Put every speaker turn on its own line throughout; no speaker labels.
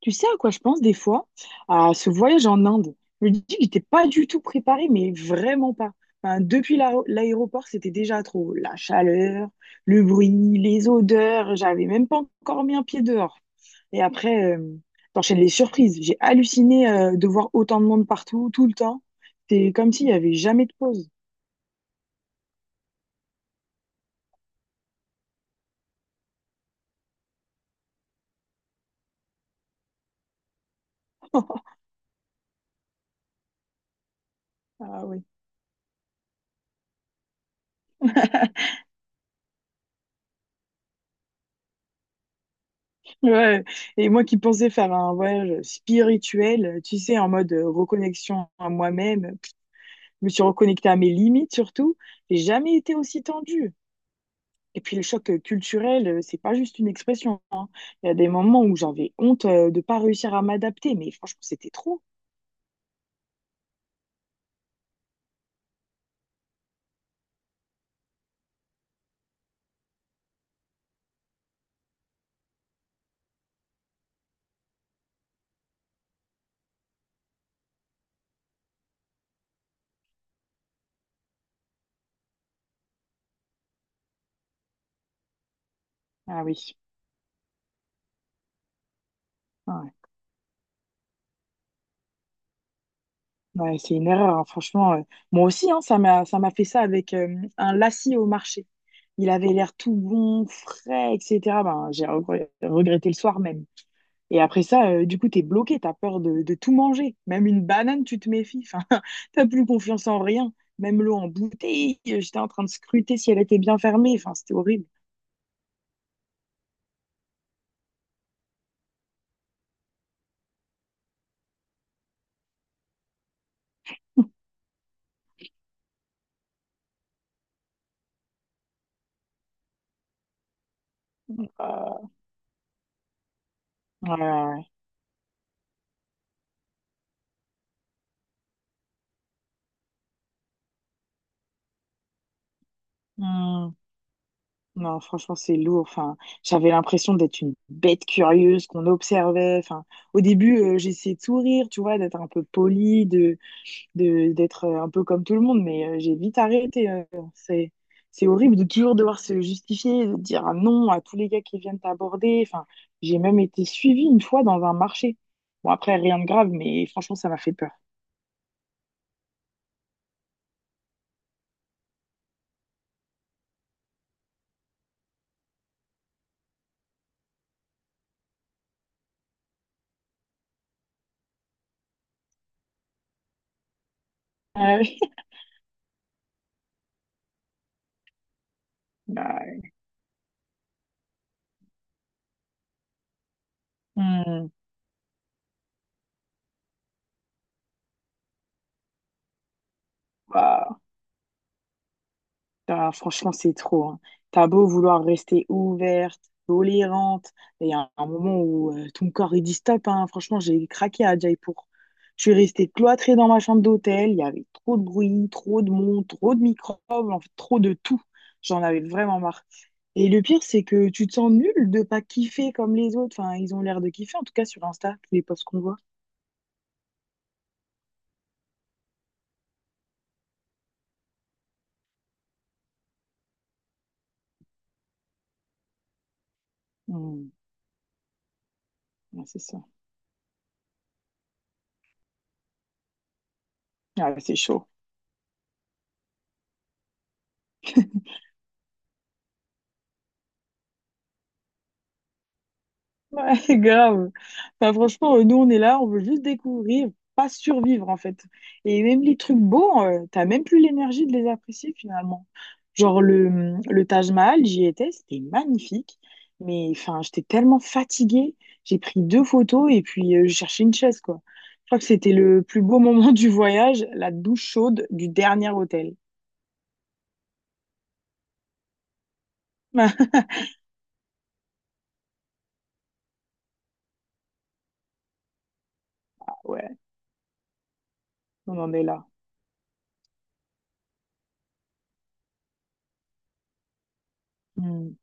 Tu sais à quoi je pense des fois? À ce voyage en Inde. Je me dis que j'étais pas du tout préparée, mais vraiment pas. Enfin, depuis l'aéroport, c'était déjà trop. La chaleur, le bruit, les odeurs, j'avais même pas encore mis un pied dehors. Et après, t'enchaînes les surprises. J'ai halluciné, de voir autant de monde partout, tout le temps. C'est comme s'il y avait jamais de pause. Ah oui. Ouais. Et moi qui pensais faire un voyage spirituel, tu sais, en mode reconnexion à moi-même. Je me suis reconnectée à mes limites surtout. J'ai jamais été aussi tendue. Et puis le choc culturel, c'est pas juste une expression. Il y a des moments où j'avais honte de pas réussir à m'adapter, mais franchement, c'était trop. Ah oui. Ouais. Ouais, c'est une erreur, hein, franchement. Moi aussi, hein, ça m'a fait ça avec un lacis au marché. Il avait l'air tout bon, frais, etc. Ben, regretté le soir même. Et après ça, du coup, t'es bloqué, t'as peur de tout manger. Même une banane, tu te méfies. Enfin, t'as plus confiance en rien. Même l'eau en bouteille, j'étais en train de scruter si elle était bien fermée. Enfin, c'était horrible. Euh, ouais, ouais, ouais. Hmm. Non, franchement, c'est lourd. Enfin, j'avais l'impression d'être une bête curieuse qu'on observait. Enfin, au début, j'essayais de sourire, tu vois, d'être un peu polie, d'être un peu comme tout le monde, mais j'ai vite arrêté. C'est, c'est horrible de toujours devoir se justifier, de dire un non à tous les gars qui viennent t'aborder. Enfin, j'ai même été suivie une fois dans un marché. Bon, après, rien de grave, mais franchement, ça m'a fait peur. Ah oui. Bah, hmm. Bah, ah, franchement, c'est trop. Hein. T'as beau vouloir rester ouverte, tolérante, il y a un moment où ton corps il dit stop. Hein. Franchement, j'ai craqué à Jaipur. Je suis restée cloîtrée dans ma chambre d'hôtel. Il y avait trop de bruit, trop de monde, trop de microbes, en fait, trop de tout. J'en avais vraiment marre. Et le pire, c'est que tu te sens nul de pas kiffer comme les autres. Enfin, ils ont l'air de kiffer, en tout cas sur Insta, tous les posts qu'on voit. Hmm, ouais, c'est ça. Ah, c'est chaud. C'est grave. Bah, franchement, nous, on est là, on veut juste découvrir, pas survivre, en fait. Et même les trucs beaux, t'as même plus l'énergie de les apprécier, finalement. Genre, le Taj Mahal, j'y étais, c'était magnifique. Mais, enfin, j'étais tellement fatiguée. J'ai pris deux photos et puis je cherchais une chaise, quoi. Je crois que c'était le plus beau moment du voyage, la douche chaude du dernier hôtel. Ouais, on en est là. Hmm.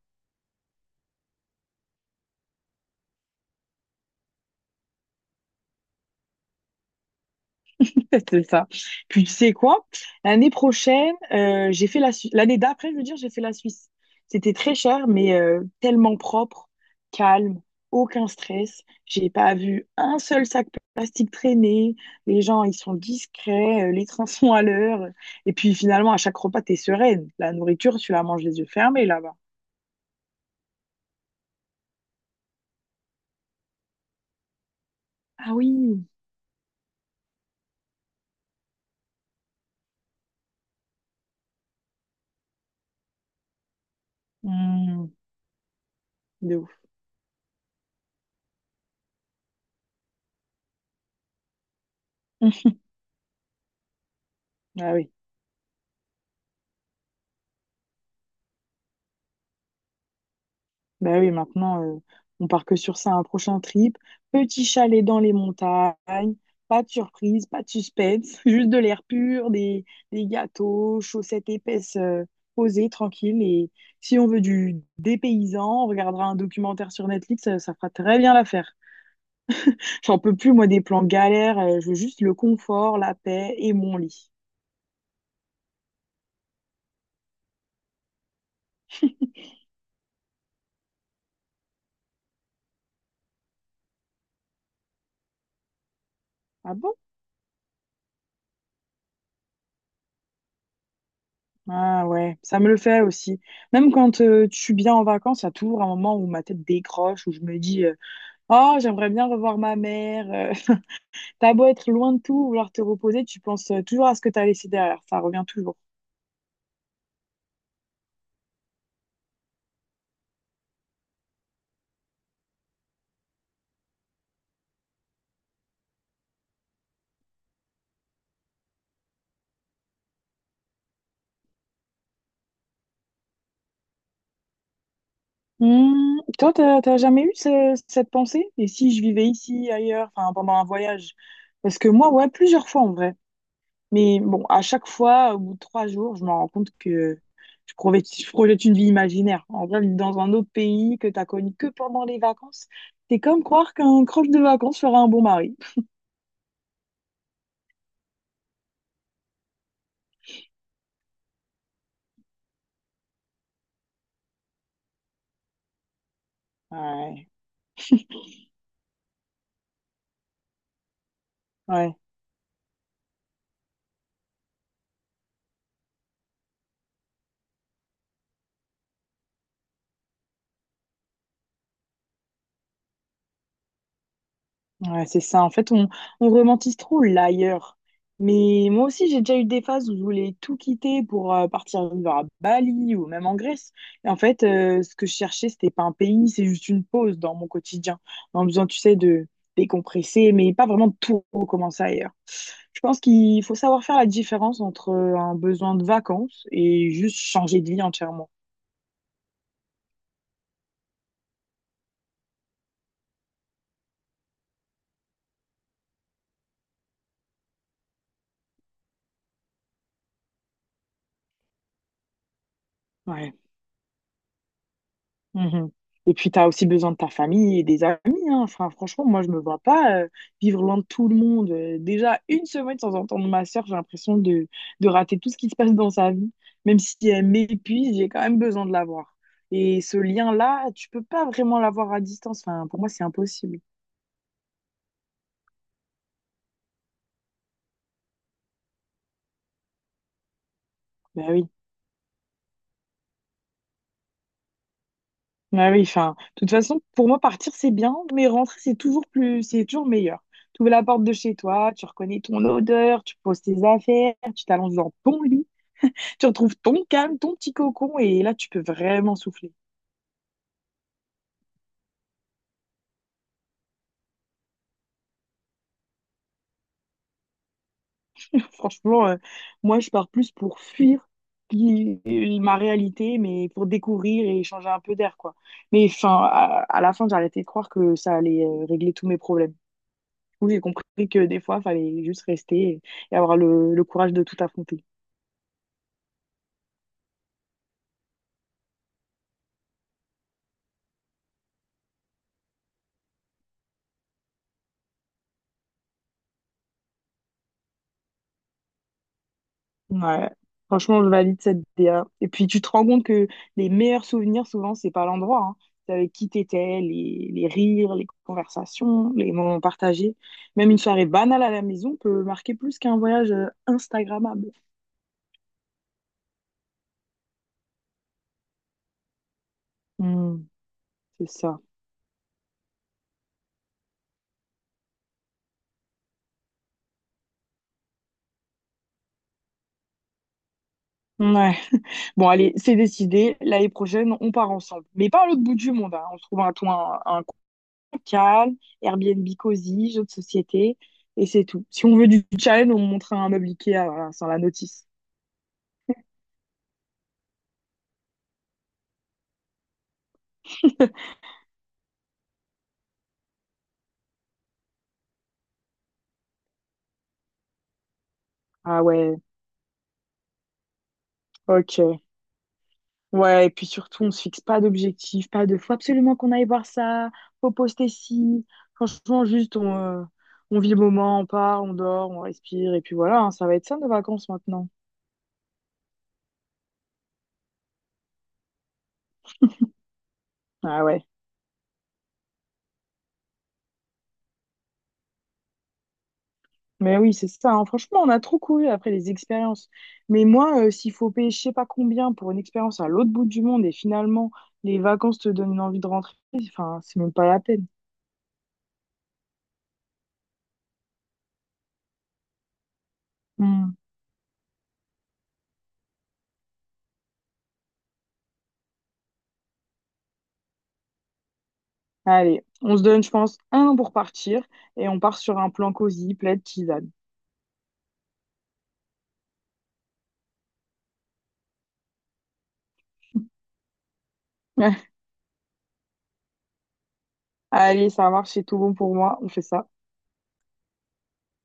C'est ça. Puis tu sais quoi? L'année prochaine, j'ai fait la Suisse. L'année d'après, je veux dire, j'ai fait la Suisse. C'était très cher, mais tellement propre, calme, aucun stress. J'ai pas vu un seul sac plastique traîner. Les gens, ils sont discrets, les trains sont à l'heure. Et puis finalement, à chaque repas, t'es sereine. La nourriture, tu la manges les yeux fermés là-bas. Ah oui. Mmh, de ouf. Ah oui. Ben oui, maintenant, on part que sur ça, un prochain trip. Petit chalet dans les montagnes, pas de surprise, pas de suspense, juste de l'air pur, des gâteaux, chaussettes épaisses, posées, tranquilles. Et si on veut du dépaysant, on regardera un documentaire sur Netflix, ça fera très bien l'affaire. J'en peux plus, moi, des plans galères, je veux juste le confort, la paix et mon lit. Ah bon? Ah ouais, ça me le fait aussi. Même quand je suis bien en vacances, il y a toujours un moment où ma tête décroche, où je me dis... oh, j'aimerais bien revoir ma mère. T'as beau être loin de tout, vouloir te reposer, tu penses toujours à ce que t'as laissé derrière. Ça revient toujours. Hmm. Toi, t'as jamais eu cette pensée? Et si je vivais ici, ailleurs, enfin pendant un voyage? Parce que moi, ouais, plusieurs fois en vrai. Mais bon, à chaque fois, au bout de trois jours, je me rends compte que je projette une vie imaginaire. En vrai, vivre dans un autre pays que t'as connu que pendant les vacances, c'est comme croire qu'un croche de vacances fera un bon mari. Ouais, ouais. Ouais, c'est ça. En fait, on romantise trop l'ailleurs. Mais moi aussi, j'ai déjà eu des phases où je voulais tout quitter pour partir vivre à Bali ou même en Grèce. Et en fait, ce que je cherchais, c'était pas un pays, c'est juste une pause dans mon quotidien. En besoin, tu sais, de décompresser, mais pas vraiment de tout recommencer ailleurs. Je pense qu'il faut savoir faire la différence entre un besoin de vacances et juste changer de vie entièrement. Ouais. Mhm. Et puis, tu as aussi besoin de ta famille et des amis. Hein. Enfin, franchement, moi, je me vois pas vivre loin de tout le monde. Déjà, une semaine sans entendre ma soeur, j'ai l'impression de rater tout ce qui se passe dans sa vie. Même si elle m'épuise, j'ai quand même besoin de la voir. Et ce lien-là, tu peux pas vraiment l'avoir à distance. Enfin, pour moi, c'est impossible. Bah oui. Bah oui, enfin, de toute façon, pour moi, partir, c'est bien, mais rentrer, c'est toujours meilleur. Tu ouvres la porte de chez toi, tu reconnais ton odeur, tu poses tes affaires, tu t'allonges dans ton lit. Tu retrouves ton calme, ton petit cocon, et là, tu peux vraiment souffler. Franchement, moi, je pars plus pour fuir qui- ma réalité, mais pour découvrir et changer un peu d'air, quoi. Mais enfin, à la fin, j'ai arrêté de croire que ça allait régler tous mes problèmes. Du coup, j'ai compris que des fois, il fallait juste rester et avoir le courage de tout affronter. Ouais, franchement, je valide cette DA. Et puis, tu te rends compte que les meilleurs souvenirs, souvent, c'est pas l'endroit, hein. C'est avec qui t'étais, les rires, les conversations, les moments partagés. Même une soirée banale à la maison peut marquer plus qu'un voyage Instagrammable. Hmm, c'est ça. Ouais. Bon, allez, c'est décidé. L'année prochaine, on part ensemble. Mais pas à l'autre bout du monde, hein. On se trouve un coin calme, Airbnb cosy, jeux de société, et c'est tout. Si on veut du challenge, on montre un meuble Ikea, voilà, sans la notice. Ah ouais. Ok. Ouais, et puis surtout, on se fixe pas d'objectif, pas de faut absolument qu'on aille voir ça, faut poster ci. Franchement, juste, on vit le moment, on part, on dort, on respire, et puis voilà, hein, ça va être ça nos vacances maintenant. Ah ouais. Mais oui, c'est ça. Hein. Franchement, on a trop couru après les expériences. Mais moi, s'il faut payer je sais pas combien pour une expérience à l'autre bout du monde et finalement, les vacances te donnent une envie de rentrer, enfin, c'est même pas la peine. Hmm. Allez, on se donne, je pense, un an pour partir et on part sur un plan cosy, plaid, tisane. Allez, ça marche, c'est tout bon pour moi, on fait ça.